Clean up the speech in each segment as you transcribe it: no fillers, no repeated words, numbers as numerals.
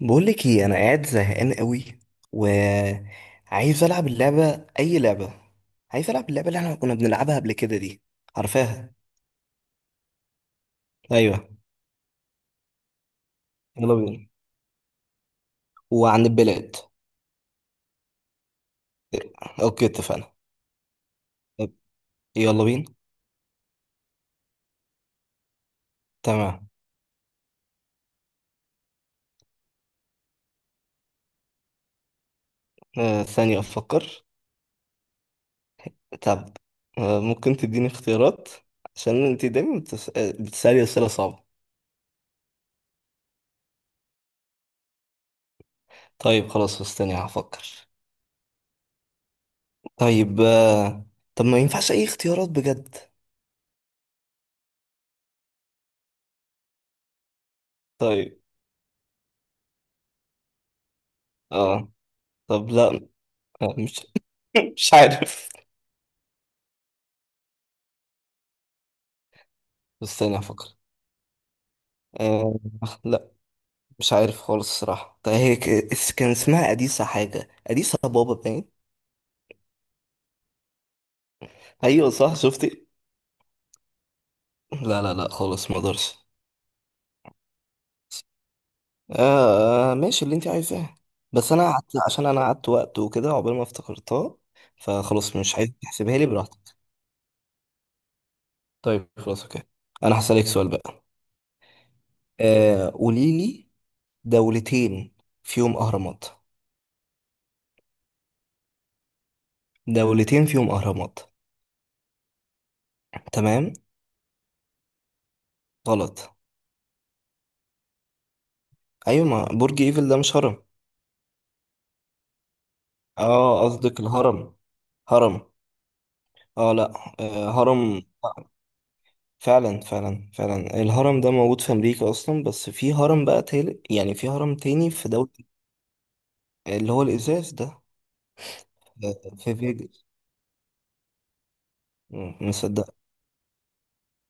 بقولك ايه، انا قاعد زهقان قوي وعايز العب اللعبه، اي لعبه. عايز العب اللعبه اللي احنا كنا بنلعبها قبل كده دي، عارفاها؟ ايوه، يلا بينا. وعن البلاد. اوكي، اتفقنا. طب، يلا بينا. تمام. ثانيه افكر. طب، ممكن تديني اختيارات؟ عشان انت دايما بتسالي اسئله صعبه. طيب خلاص، استني هفكر. طيب طب ما ينفعش اي اختيارات بجد؟ طيب. اه. طب لا. آه، مش مش عارف. استنى افكر. آه. لا. مش عارف خالص الصراحة. طيب، هي كان اسمها أديسة، حاجة أديسة بابا باين. ايوه صح، شفتي؟ لا لا لا خالص، ما اقدرش. ماشي، اللي انت عايزاه. بس انا قعدت، عشان انا قعدت وقت وكده عقبال ما افتكرتها، فخلاص مش عايز تحسبها لي، براحتك. طيب خلاص، اوكي. انا هسألك سؤال بقى. قولي لي، دولتين فيهم اهرامات. دولتين فيهم اهرامات. تمام. غلط. ايوه، ما برج ايفل ده مش هرم. اه، قصدك الهرم. هرم. اه لا. هرم. فعلا فعلا فعلا، الهرم ده موجود في امريكا اصلا، بس في هرم بقى تالت، يعني في هرم تاني في دولة. اللي هو الازاز ده. في فيجاس. مصدق.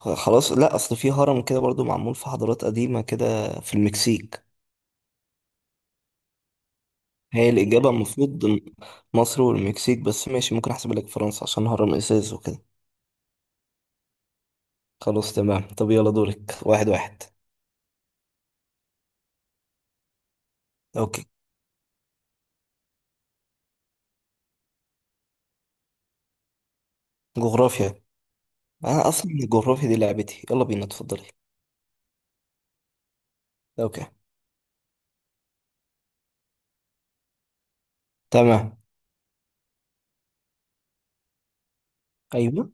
خلاص لا، اصل في هرم كده برضو معمول في حضارات قديمة كده في المكسيك. هي الإجابة المفروض مصر والمكسيك بس، ماشي ممكن أحسب لك فرنسا عشان هرم إزاز وكده. خلاص تمام، طب يلا دورك، واحد واحد. أوكي. جغرافيا. انا اصلا الجغرافيا دي لعبتي، يلا بينا اتفضلي. اوكي. تمام. ايوه.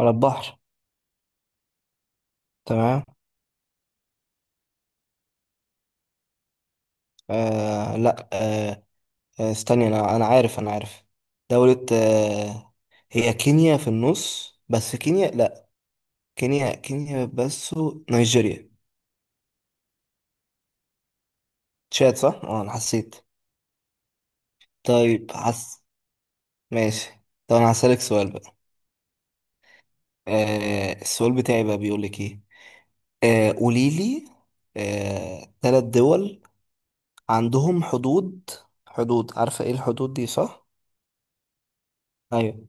على البحر. تمام. آه لا آه آه، استني، انا عارف، انا عارف. دولة هي كينيا في النص، بس كينيا لا. كينيا بس. نيجيريا. تشاد صح، اه انا حسيت. طيب حس. ماشي. طب انا هسألك سؤال بقى. السؤال بتاعي بقى بيقول لك ايه. قولي لي، ثلاث دول عندهم حدود. حدود، عارفة ايه الحدود دي صح؟ ايوه.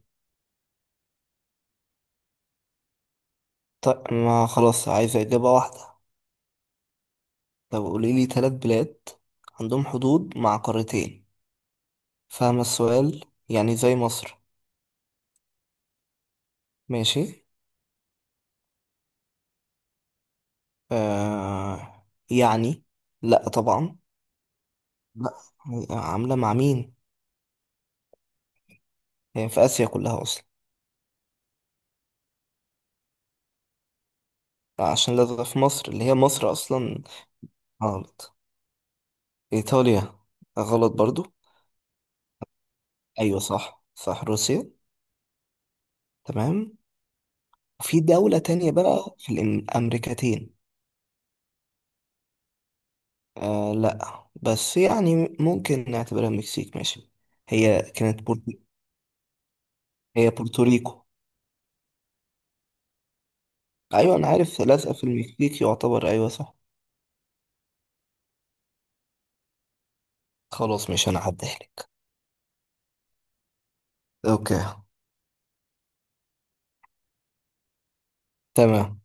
طيب ما خلاص، عايزة اجابة واحدة. طب قوليلي تلات بلاد عندهم حدود مع قارتين. فاهمة السؤال؟ يعني زي مصر. ماشي. يعني لا طبعا. لا. عاملة مع مين؟ هي في آسيا كلها أصلا. لا، عشان لازم في مصر اللي هي مصر أصلا. غلط. إيطاليا، غلط برضو. أيوة صح صح، روسيا. تمام. في دولة تانية بقى في الأمريكتين. لا، بس يعني ممكن نعتبرها المكسيك، ماشي. هي كانت بورتو... هي بورتوريكو. أيوة أنا عارف لازقة في المكسيك، يعتبر أيوة صح. خلاص، مش أنا هعديها لك. أوكي. تمام.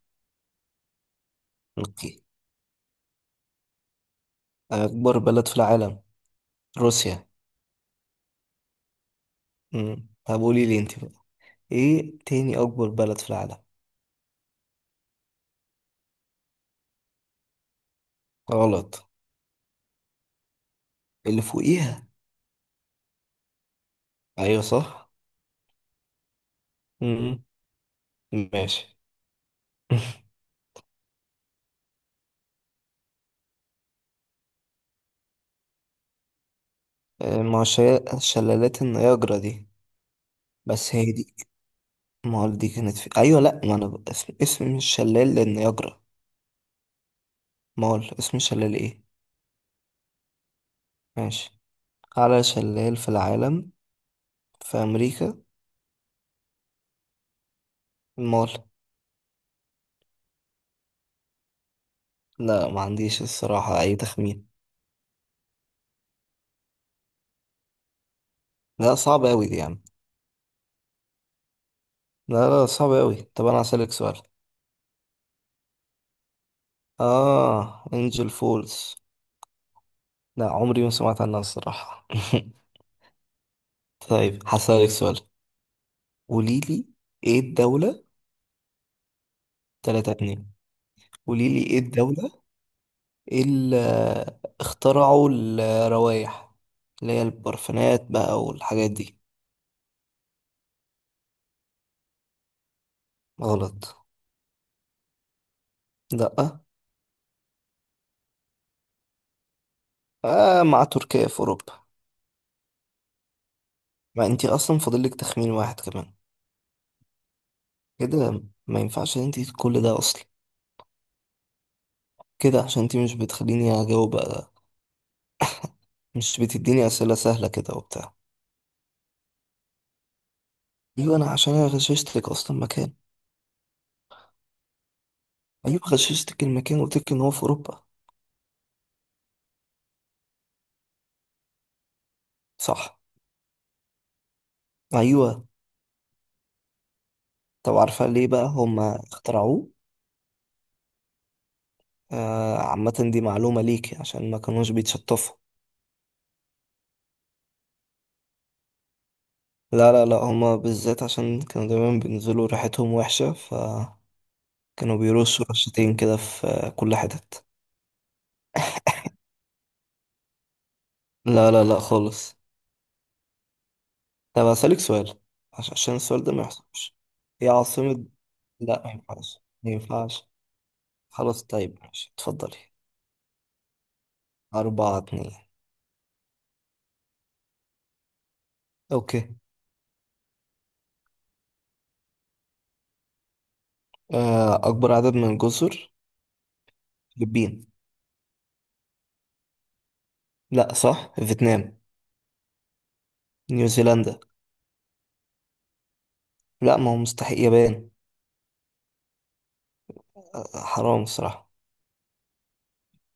أوكي. أكبر بلد في العالم، روسيا. طب قولي لي أنت بقى، إيه تاني أكبر بلد في العالم؟ غلط. اللي فوقيها. أيوة صح. مم. ماشي. ما هو شلالات النياجرا دي. بس هي دي. مول دي كانت في، ايوه لا، ما انا اسم الشلال للنياجرا. مول اسم الشلال ايه؟ ماشي. اعلى شلال في العالم، في امريكا، المول. لا، ما عنديش الصراحه اي تخمين. لا صعب اوي دي يعني. لا لا، صعب اوي. طب انا هسألك سؤال. اه، انجل فولز. لا، عمري ما سمعت عنها الصراحه. طيب هسألك سؤال. قوليلي ايه الدوله. 3 2. قوليلي ايه الدوله، ايه اللي اخترعوا الروايح، اللي هي البرفانات بقى والحاجات دي. غلط. لا. مع تركيا في اوروبا. ما انتي اصلا فاضلك تخمين واحد كمان. كده ما ينفعش ان انتي كل ده اصلا. كده عشان انتي مش بتخليني اجاوب بقى، مش بتديني اسئله سهله كده وبتاع. ايوه، انا عشان انا غششتك اصلا مكان. ايوه غششتك المكان وقلتلك ان هو في اوروبا. صح. ايوه. طب عارفه ليه بقى هما اخترعوه؟ عامة دي معلومة ليك، عشان ما كانوش بيتشطفوا. لا لا لا، هما بالذات عشان كانوا دايما بينزلوا ريحتهم وحشة، فكانوا بيرشوا رشتين كده في كل حتت. لا لا لا خالص. طب هسألك سؤال، عشان السؤال ده ما يحصلش. هي عاصمة، لا ما ينفعش ما ينفعش. خلاص طيب ماشي، اتفضلي. أربعة اتنين. أوكي. أكبر عدد من الجزر. فلبين. لا صح، فيتنام. نيوزيلندا. لا ما هو مستحيل، يابان. حرام الصراحة.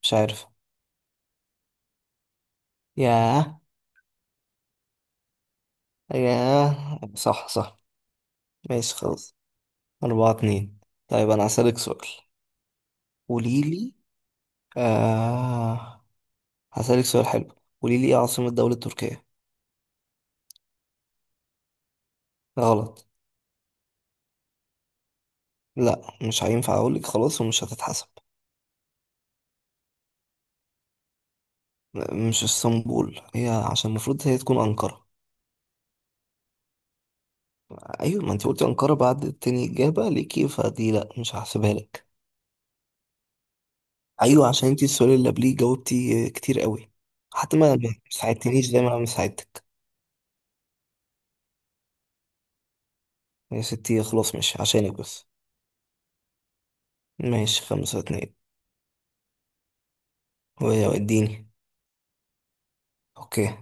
مش عارف. ياه. ياه صح صح. ماشي خلاص، أربعة اتنين. طيب أنا هسألك سؤال. قوليلي، آه هسألك سؤال حلو. قوليلي إيه عاصمة دولة تركيا؟ غلط. لا، مش هينفع أقولك خلاص، ومش هتتحسب. مش اسطنبول، هي عشان المفروض هي تكون أنقرة. أيوة ما أنت قلتي أنقرة بعد تاني إجابة ليكي، فدي لا مش هحسبها لك. ايوه عشان انت السؤال اللي قبليه جاوبتي كتير قوي. حتى ما ساعدتنيش زي ما انا ساعدتك. يا ستي خلاص ماشي، عشانك بس. ماشي، خمسة اتنين. واديني. اوكي.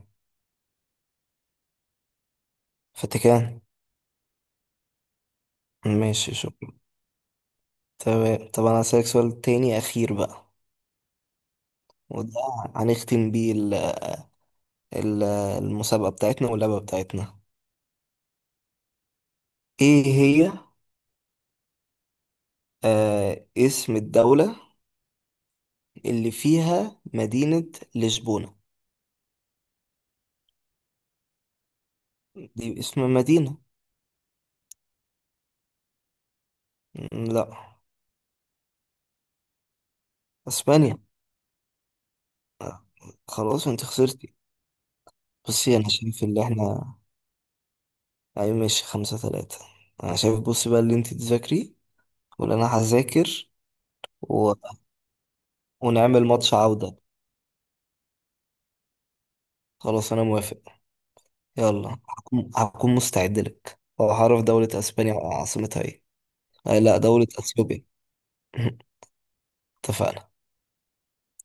فاتيكان. ماشي شكرا. تمام. طب انا هسألك سؤال تاني اخير بقى، وده هنختم بيه ال- المسابقة بتاعتنا واللعبة بتاعتنا. ايه هي، اسم الدولة اللي فيها مدينة لشبونة. دي اسم مدينة. م، لا. اسبانيا. آه، خلاص انت خسرتي. بصي انا شايف ان احنا، اي ماشي خمسة ثلاثة. انا شايف بصي بقى، اللي انت تذاكري ولا انا هذاكر و... ونعمل ماتش عودة. خلاص انا موافق. يلا، هكون مستعد لك، وهعرف دولة اسبانيا عاصمتها ايه. آه لا، دولة اثيوبيا. اتفقنا.